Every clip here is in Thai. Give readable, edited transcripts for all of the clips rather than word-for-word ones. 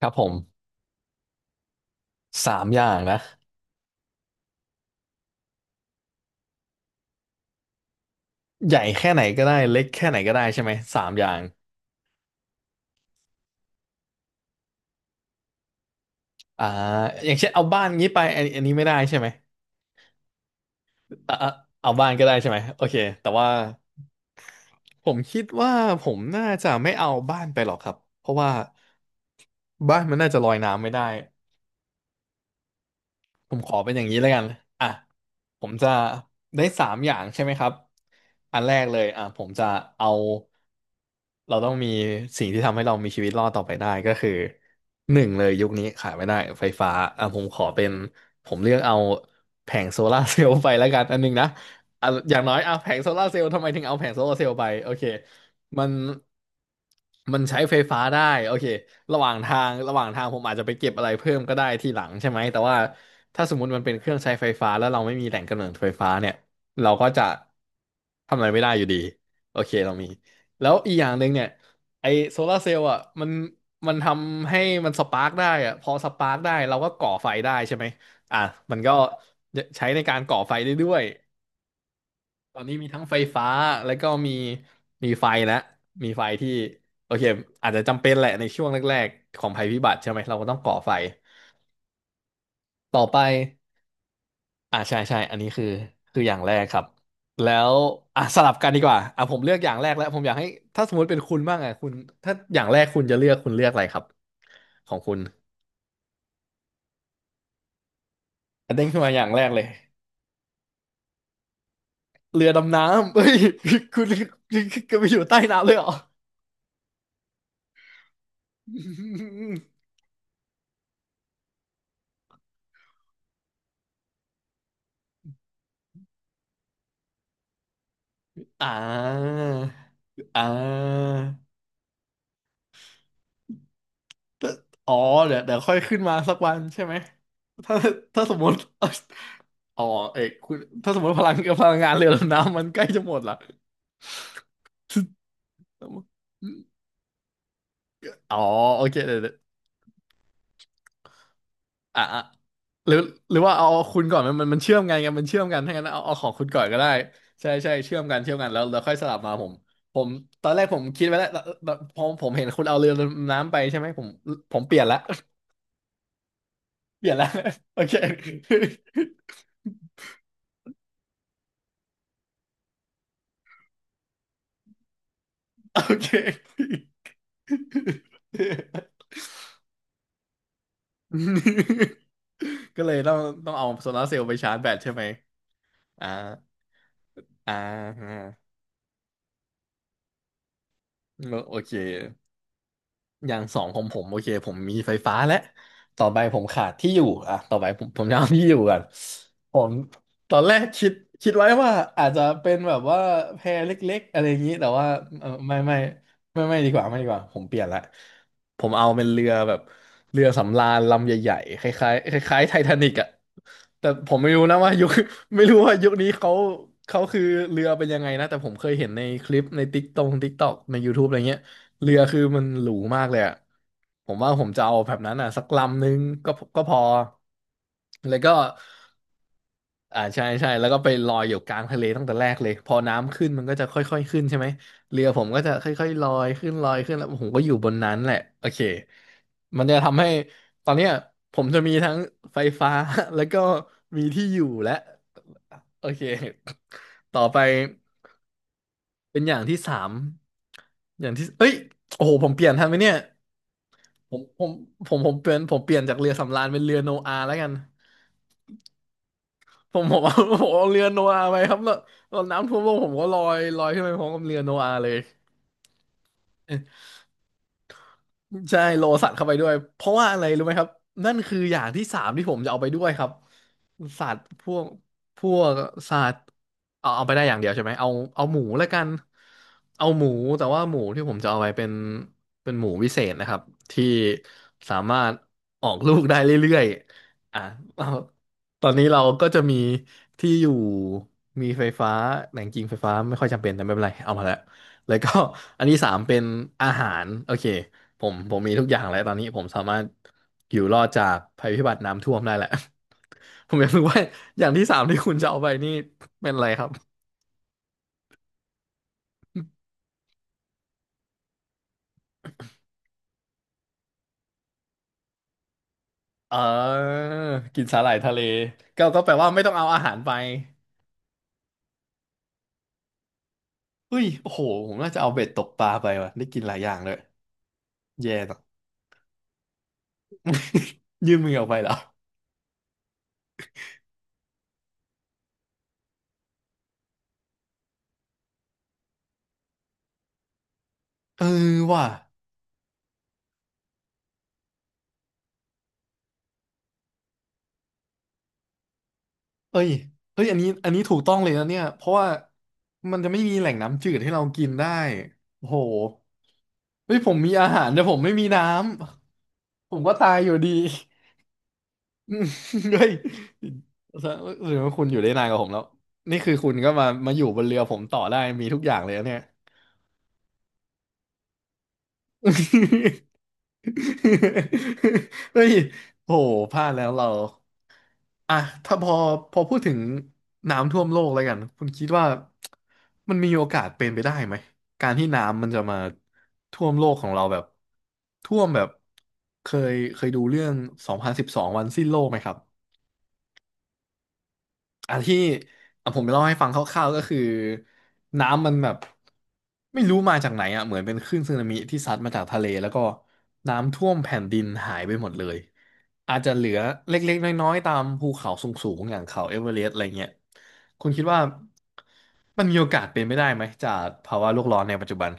ครับผมสามอย่างนะใหญ่แค่ไหนก็ได้เล็กแค่ไหนก็ได้ใช่ไหมสามอย่างอ่าอย่างเช่นเอาบ้านงี้ไปอันนี้ไม่ได้ใช่ไหมอ่าอ่าเอาบ้านก็ได้ใช่ไหมโอเคแต่ว่าผมคิดว่าผมน่าจะไม่เอาบ้านไปหรอกครับเพราะว่าบ้านมันน่าจะลอยน้ำไม่ได้ ผมขอเป็นอย่างนี้แล้วกันอ่ะผมจะได้สามอย่างใช่ไหมครับอันแรกเลยอ่ะผมจะเอาเราต้องมีสิ่งที่ทำให้เรามีชีวิตรอดต่อไปได้ก็คือหนึ่งเลยยุคนี้ขาดไม่ได้ไฟฟ้าอ่ะผมขอเป็นผมเลือกเอาแผงโซลาร์เซลล์ไปแล้วกันอันหนึงนะอ่ะอย่างน้อยเอาแผงโซลาร์เซลล์ทำไมถึงเอาแผงโซลาร์เซลล์ไปโอเค มันมันใช้ไฟฟ้าได้โอเคระหว่างทางระหว่างทางผมอาจจะไปเก็บอะไรเพิ่มก็ได้ทีหลังใช่ไหมแต่ว่าถ้าสมมติมันเป็นเครื่องใช้ไฟฟ้าแล้วเราไม่มีแหล่งกำเนิดไฟฟ้าเนี่ยเราก็จะทำอะไรไม่ได้อยู่ดีโอเคเรามีแล้วอีกอย่างหนึ่งเนี่ยไอโซลาร์เซลล์อ่ะมันทำให้มันสปาร์กได้อ่ะพอสปาร์กได้เราก็ก่อไฟได้ใช่ไหมอ่ะมันก็ใช้ในการก่อไฟได้ด้วย ตอนนี้มีทั้งไฟฟ้าแล้วก็มีไฟแล้วมีไฟที่โอเคอาจจะจำเป็นแหละในช่วงแรกๆของภัยพิบัติใช่ไหมเราก็ต้องก่อไฟต่อไปอ่าใช่ใช่อันนี้คือคืออย่างแรกครับแล้วอ่ะสลับกันดีกว่าอ่ะผมเลือกอย่างแรกแล้วผมอยากให้ถ้าสมมติเป็นคุณบ้างอ่ะคุณถ้าอย่างแรกคุณจะเลือกคุณเลือกอะไรครับของคุณอ่ะเด้งขึ้นมาอย่างแรกเลยเรือดำน้ำเฮ้ย คุณก็ไปอยู่ใต้น้ำเลยเหรอ อ่าอ่า แต่อ๋อเดี๋ยวเดี๋ยวค่อยขึ้นมาสักวันใช่ไหมถ้าถ้าสมมติอ๋อเอ้ยคุณถ้าสมมติพลังงานเรือ ดำน้ำมันใกล้จะหมดละ อ๋อโอเคเดี๋ยวเดี๋ยวอ่ะอ่ะหรือหรือว่าเอาคุณก่อนมันเชื่อมกันไงมันเชื่อมกันถ้างั้นเอาเอาของคุณก่อนก็ได้ใช่ใช่เชื่อมกันเชื่อมกันแล้วแล้วค่อยสลับมาผมผมตอนแรกผมคิดไว้แล้วแบบพอผมเห็นคุณเอาเรือดำน้ำไปใช่ไหมผมผมเปลี่ยนละ เปลี่ยนละ โอเค โอเค ก็เลยต้องต้องเอาโซลาร์เซลล์ไปชาร์จแบตใช่ไหมอ่าอ่าโอเค อย่างสองของผมโอเคผมมีไฟฟ้าและต่อไปผมขาดที่อยู่อ่ะต่อไปผมจะเอาที่อยู่ก่อนผมตอนแรกคิดไว้ว่าอาจจะเป็นแบบว่าแพรเล็กๆอะไรอย่างนี้แต่ว่าเออไม่ไม่ไม่ไม่ดีกว่าไม่ดีกว่าผมเปลี่ยนละผมเอาเป็นเรือแบบเรือสำราญลำใหญ่ๆคล้ายๆคล้ายๆไททานิกอ่ะแต่ผมไม่รู้นะว่ายุค ไม่รู้ว่ายุคนี้เขาเขาคือเรือเป็นยังไงนะแต่ผมเคยเห็นในคลิปในติ๊กตงติ๊กตอกใน YouTube อะไรเงี้ย เรือคือมันหรูมากเลยอะผมว่าผมจะเอาแบบนั้นอ่ะสักลำนึงก็ก็พอแล้วก็อ่าใช่ใช่แล้วก็ไปลอยอยู่กลางทะเลตั้งแต่แรกเลยพอน้ำขึ้นมันก็จะค่อยๆขึ้นใช่ไหมเรือผมก็จะค่อยๆลอยขึ้นลอยขึ้นแล้วผมก็อยู่บนนั้นแหละโอเคมันจะทำให้ตอนเนี้ยผมจะมีทั้งไฟฟ้า แล้วก็มีที่อยู่และโอเคต่อไปเป็นอย่างที่สามอย่างที่เอ้ยโอ้โหผมเปลี่ยนทันไหมเนี่ย ผมผมผมเปลี่ยนผมเปลี่ยนจากเรือสำราญเป็นเรือโนอาห์แล้วกันผมเอาผมเอาเรือโนอาห์ไปครับแล้วตอนน้ำท่วมโลกผมก็ลอยลอยขึ้นไปพร้อมกับเรือโนอาห์เลย ใช่โลสัตว์เข้าไปด้วยเพราะว่าอะไรรู้ไหมครับนั่นคืออย่างที่สามที่ผมจะเอาไปด้วยครับสัตว์พวกพวกสัตว์เอาเอาไปได้อย่างเดียวใช่ไหมเอาเอาหมูแล้วกันเอาหมูแต่ว่าหมูที่ผมจะเอาไปเป็นเป็นหมูวิเศษนะครับที่สามารถออกลูกได้เรื่อยๆอ่ะ เอาตอนนี้เราก็จะมีที่อยู่มีไฟฟ้าแหล่งกิงไฟฟ้าไม่ค่อยจำเป็นแต่ไม่เป็นไรเอามาแล้วแล้วก็อันที่สามเป็นอาหารโอเค ผมมีทุกอย่างแล้วตอนนี้ผมสามารถอยู่รอดจากภัยพิบัติน้ำท่วมได้แหละ ผมอยากรู้ว่าอย่างที่สามที่คุณจะเอาไปนี่เป็นอะไรครับเออกินสาหร่ายทะเลก็แปลว่าไม่ต้องเอาอาหารไปเฮ้ยโอ้โหผมน่าจะเอาเบ็ดตกปลาไปว่ะได้กินหลายอย่างเลยแย่ต่อยื่นมือออกไปเหรอเออว่ะเอ้ยเฮ้ยอันนี้ถูกต้องเลยนะเนี่ยเพราะว่ามันจะไม่มีแหล่งน้ำจืดให้เรากินได้โอ้โหเฮ้ยผมมีอาหารแต่ผมไม่มีน้ำ ผมก็ตายอยู่ดี อืมเฮ้ยหรือว่าคุณอยู่ได้นานกว่าผมแล้วนี่คือคุณก็มามาอยู่บนเรือผมต่อได้มีทุกอย่างเลยนะเนี่ย เฮ้ยโหพลาดแล้วเราอ่ะถ้าพอพูดถึงน้ำท่วมโลกแล้วกันคุณคิดว่ามันมีโอกาสเป็นไปได้ไหมการที่น้ำมันจะมาท่วมโลกของเราแบบท่วมแบบเคเคยดูเรื่อง2012วันสิ้นโลกไหมครับ อ่ะที่อ่ะผมเล่าให้ฟังคร่าวๆก็คือน้ำมันแบบไม่รู้มาจากไหนอ่ะเหมือนเป็นคลื่นสึนามิที่ซัดมาจากทะเลแล้วก็น้ำท่วมแผ่นดินหายไปหมดเลยอาจจะเหลือเล็กๆน้อยๆตามภูเขาสูงๆอย่างเขาเอเวอเรสต์อะไรเงี้ยคุณคิดว่ามันมีโอกาสเป็นไม่ได้ไหมจากภาวะโลกร้อนในปัจจุบัน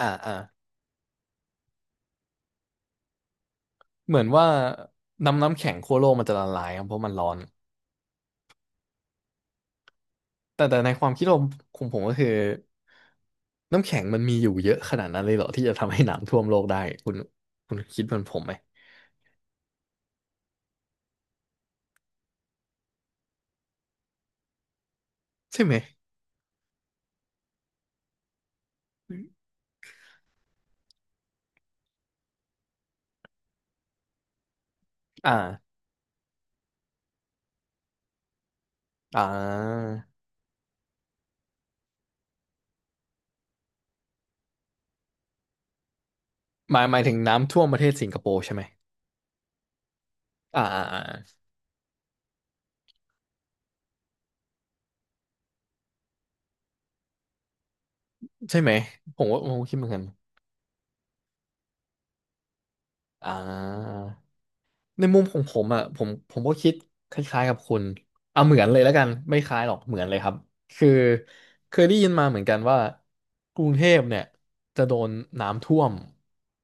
อ่าอ่าเหมือนว่าน้ำแข็งขั้วโลกมันจะละลายครับเพราะมันร้อน แต่ในความคิดผมของผมก็คือน้ำแข็งมันมีอยู่เยอะขนาดนั้นเลยเหรอที่จะทำให้น้ำท่วมโลกได้คุณคุณคิดเหมือนผมไหมใช่ไหมอ่าอ่าหมายถึงน้ำท่วมประเทศสิงคโปร์ใช่ไหมอ่าอ่าอ่าใช่ไหมผมว่าผมคิดเหมือนกันอ่า ในมุมของผมอ่ะผมก็คิดคล้ายๆกับคุณเอาเหมือนเลยแล้วกันไม่คล้ายหรอกเหมือนเลยครับคือเคยได้ยินมาเหมือนกันว่ากรุงเทพเนี่ยจะโดนน้ำท่วม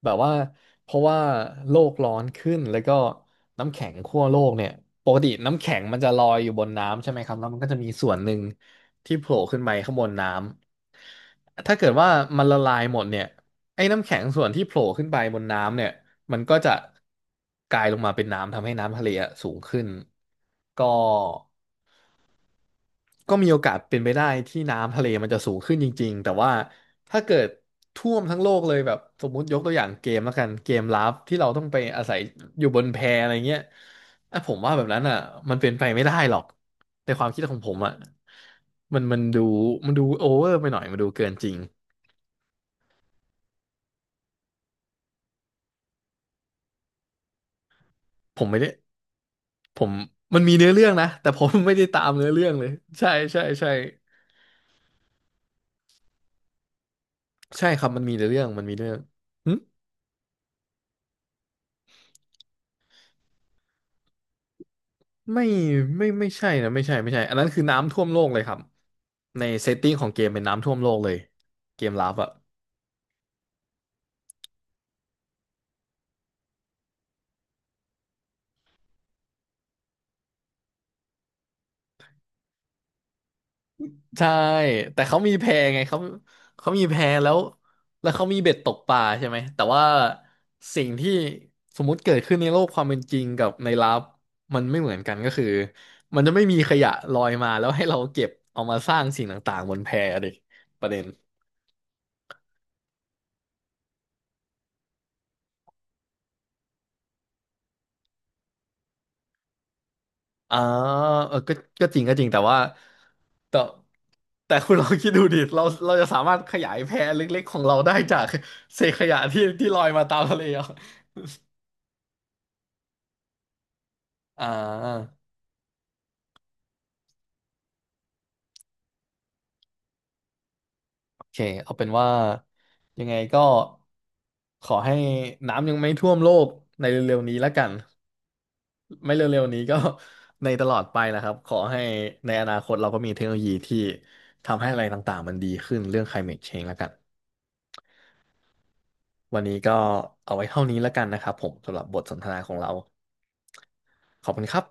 แบบว่าเพราะว่าโลกร้อนขึ้นแล้วก็น้ำแข็งขั้วโลกเนี่ยปกติน้ำแข็งมันจะลอยอยู่บนน้ำใช่ไหมครับแล้วมันก็จะมีส่วนหนึ่งที่โผล่ขึ้นไปข้างบนน้ำถ้าเกิดว่ามันละลายหมดเนี่ยไอ้น้ำแข็งส่วนที่โผล่ขึ้นไปบนน้ำเนี่ย มันก็จะกลายลงมาเป็นน้ำทำให้น้ำทะเลอะสูงขึ้นก็ก็มีโอกาสเป็นไปได้ที่น้ำทะเลมันจะสูงขึ้นจริงๆแต่ว่าถ้าเกิดท่วมทั้งโลกเลยแบบสมมุติยกตัวอย่างเกมแล้วกันเกมลับที่เราต้องไปอาศัยอยู่บนแพอะไรเงี้ยอ่ะผมว่าแบบนั้นอ่ะมันเป็นไปไม่ได้หรอกในความคิดของผมอ่ะมันมันดูมันดูโอเวอร์ไปหน่อยมันดูเกินจริงผมไม่ได้ผมมันมีเนื้อเรื่องนะแต่ผมไม่ได้ตามเนื้อเรื่องเลยใช่ใช่ใช่ ใช่ครับมันมีเรื่องหึไม่ไม่ไม่ใช่นะไม่ใช่ไม่ใช่อันนั้นคือน้ำท่วมโลกเลยครับในเซตติ้งของเกมเป็นน้ำท่วมโลกเลยเกมลับอ่ะใช่แต่เขามีแพไงเขามีแพแล้วแล้วเขามีเบ็ดตกปลาใช่ไหมแต่ว่าสิ่งที่สมมุติเกิดขึ้นในโลกความเป็นจริงกับในลับมันไม่เหมือนกันก็คือมันจะไม่มีขยะลอยมาแล้วให้เราเก็บเอามาสร้างสิ่งต่างๆบนแพดิประเด็นอ่าเออก็จริงก็จริงแต่ว่า แต่แต่คุณลองคิดดูดิเราจะสามารถขยายแพเล็กๆของเราได้จาก เศษขยะที่ลอยมาตามทะเลเหรออ่าโอเคเอาเป็นว่ายังไงก็ขอให้น้ำยังไม่ท่วมโลกในเร็วๆนี้แล้วกันไม่เร็วๆนี้ก็ ในตลอดไปนะครับขอให้ในอนาคตเราก็มีเทคโนโลยีที่ทำให้อะไรต่างๆมันดีขึ้นเรื่อง climate change แล้วกันวันนี้ก็เอาไว้เท่านี้แล้วกันนะครับผมสำหรับบทสนทนาของเราขอบคุณครับ